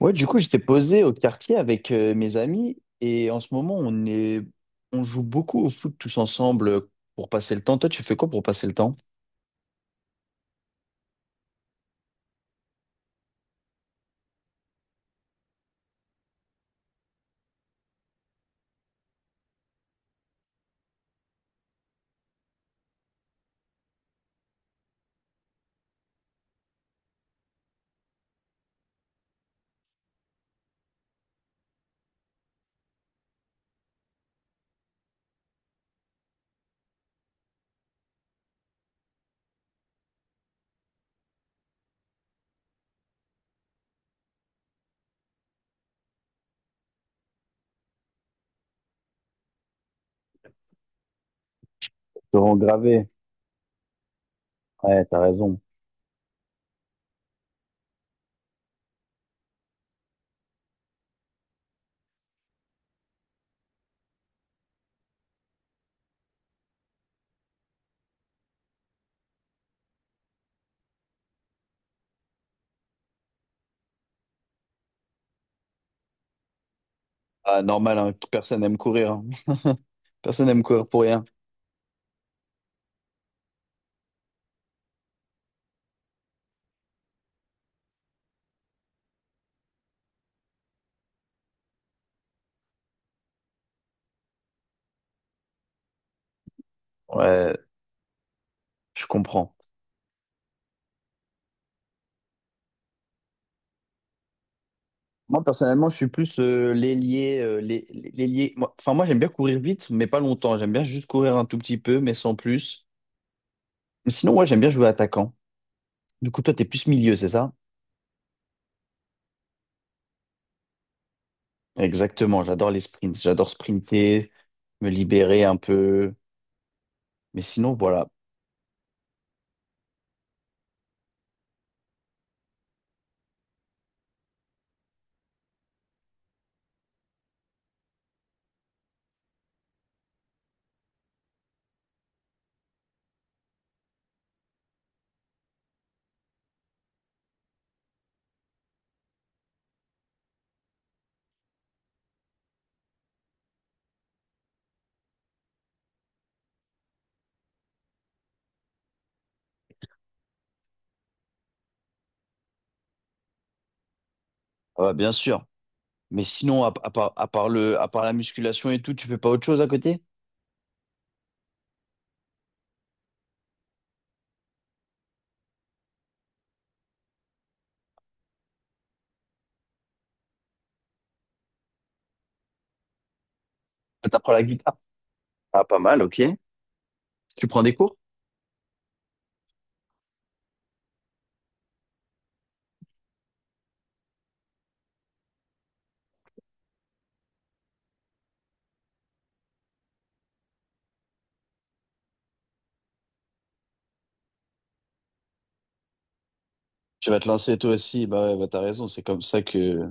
Ouais, du coup, j'étais posé au quartier avec mes amis et en ce moment, on joue beaucoup au foot tous ensemble pour passer le temps. Toi, tu fais quoi pour passer le temps? Te rends gravé. Ouais, t'as raison. Ah, normal, hein, personne n'aime courir, hein. Personne n'aime courir pour rien. Ouais, je comprends. Moi, personnellement, je suis plus l'ailier, l'ailier. Enfin, moi, j'aime bien courir vite, mais pas longtemps. J'aime bien juste courir un tout petit peu, mais sans plus. Mais sinon, ouais, j'aime bien jouer attaquant. Du coup, toi, t'es plus milieu, c'est ça? Exactement, j'adore les sprints, j'adore sprinter, me libérer un peu. Mais sinon, voilà. Ah bah, bien sûr. Mais sinon, à part la musculation et tout, tu fais pas autre chose à côté? Ah, t'apprends la guitare? Ah, pas mal, ok. Tu prends des cours? Tu vas te lancer toi aussi, bah ouais, bah t'as raison, c'est comme ça que...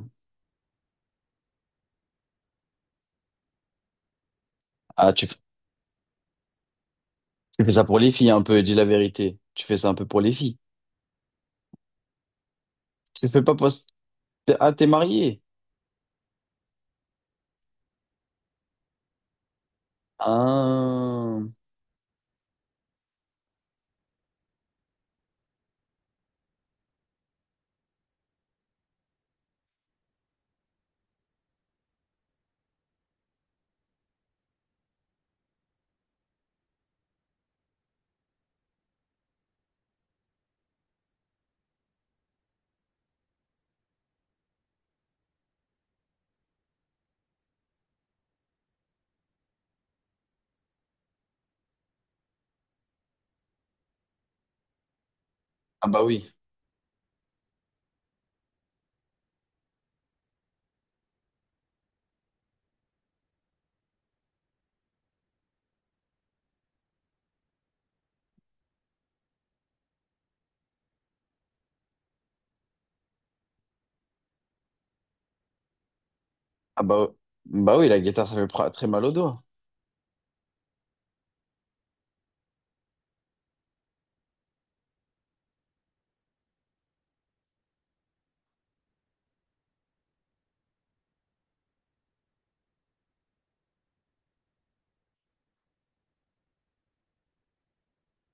Ah, tu fais ça pour les filles un peu, dis la vérité. Tu fais ça un peu pour les filles. Tu fais pas parce... Ah, t'es marié? Ah, ah bah oui. Ah bah, bah oui, la guitare, très mal au doigt.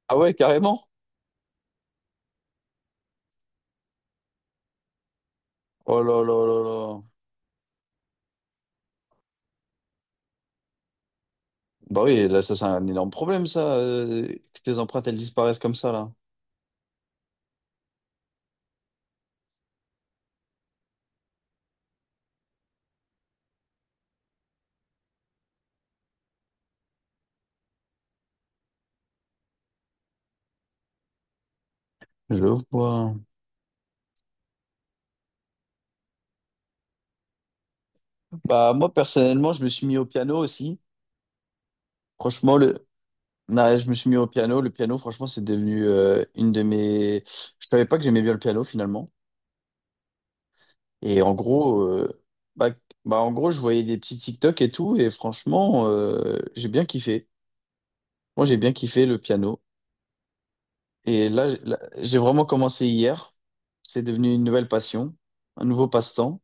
Ah ouais, carrément? Oh là là là là. Bah oui, là, ça, c'est un énorme problème, ça, que tes empreintes, elles disparaissent comme ça, là. Je vois. Bah moi, personnellement, je me suis mis au piano aussi. Franchement, le... non, je me suis mis au piano. Le piano, franchement, c'est devenu une de mes... Je savais pas que j'aimais bien le piano, finalement. Et en gros... Bah, bah, en gros, je voyais des petits TikTok et tout, et franchement, j'ai bien kiffé. Moi, j'ai bien kiffé le piano. Et là, j'ai vraiment commencé hier. C'est devenu une nouvelle passion, un nouveau passe-temps.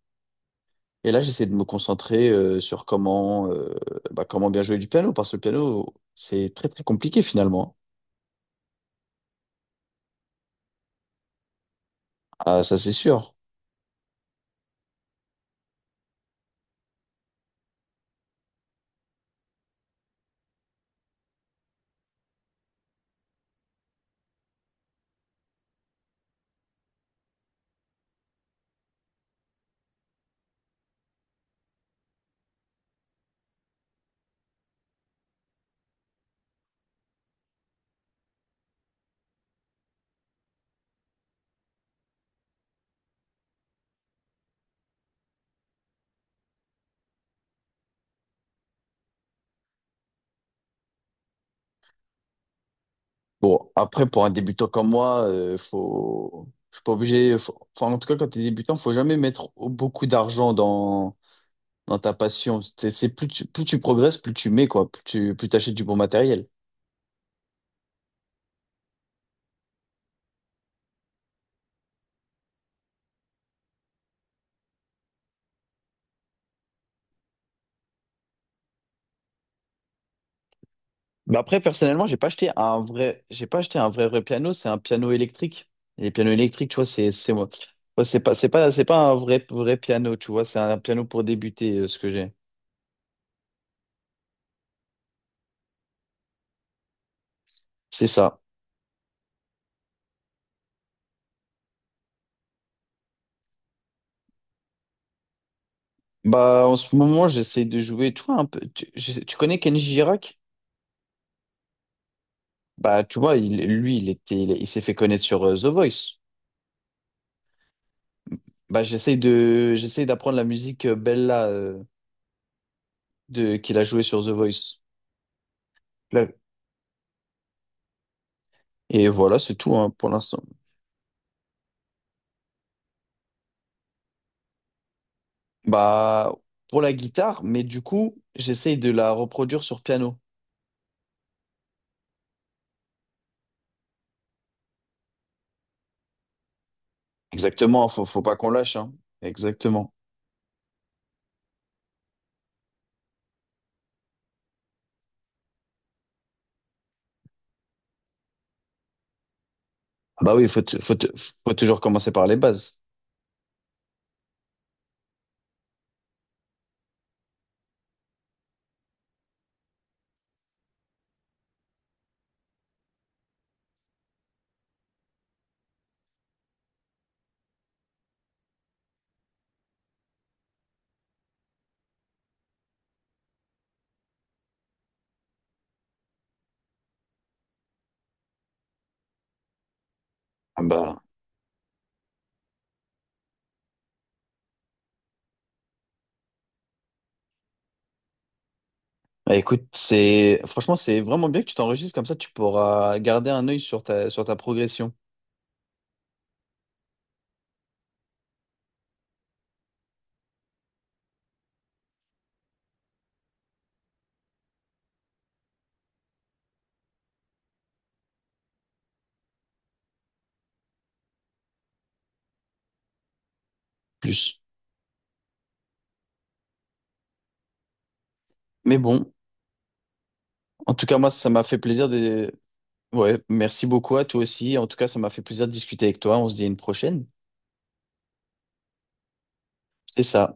Et là, j'essaie de me concentrer sur comment, bah, comment bien jouer du piano, parce que le piano, c'est très, très compliqué finalement. Ah, ça, c'est sûr. Bon, après, pour un débutant comme moi, faut... je suis pas obligé. Enfin, en tout cas, quand tu es débutant, faut jamais mettre beaucoup d'argent dans ta passion. C'est plus plus tu progresses, plus tu mets, quoi. Plus t'achètes du bon matériel. Mais après, personnellement, j'ai pas acheté un vrai, vrai piano. C'est un piano électrique. Et les pianos électriques, tu vois, c'est moi. Ouais, c'est pas un vrai, vrai piano, tu vois. C'est un piano pour débuter, ce que j'ai. C'est ça. Bah, en ce moment, j'essaie de jouer, tu vois, un peu. Tu connais Kenji Girac? Bah, tu vois, il, lui, il était, il s'est fait connaître sur The Voice. Bah, j'essaie d'apprendre la musique Bella, qu'il a joué sur The Voice. Là. Et voilà, c'est tout hein, pour l'instant. Bah, pour la guitare, mais du coup, j'essaie de la reproduire sur piano. Exactement, faut pas qu'on lâche, hein. Exactement. Bah oui, faut toujours commencer par les bases. Ah bah. Bah, écoute, c'est vraiment bien que tu t'enregistres comme ça, tu pourras garder un œil sur sur ta progression plus. Mais bon, en tout cas, moi, ça m'a fait plaisir de. Ouais, merci beaucoup à toi aussi. En tout cas, ça m'a fait plaisir de discuter avec toi. On se dit à une prochaine. C'est ça.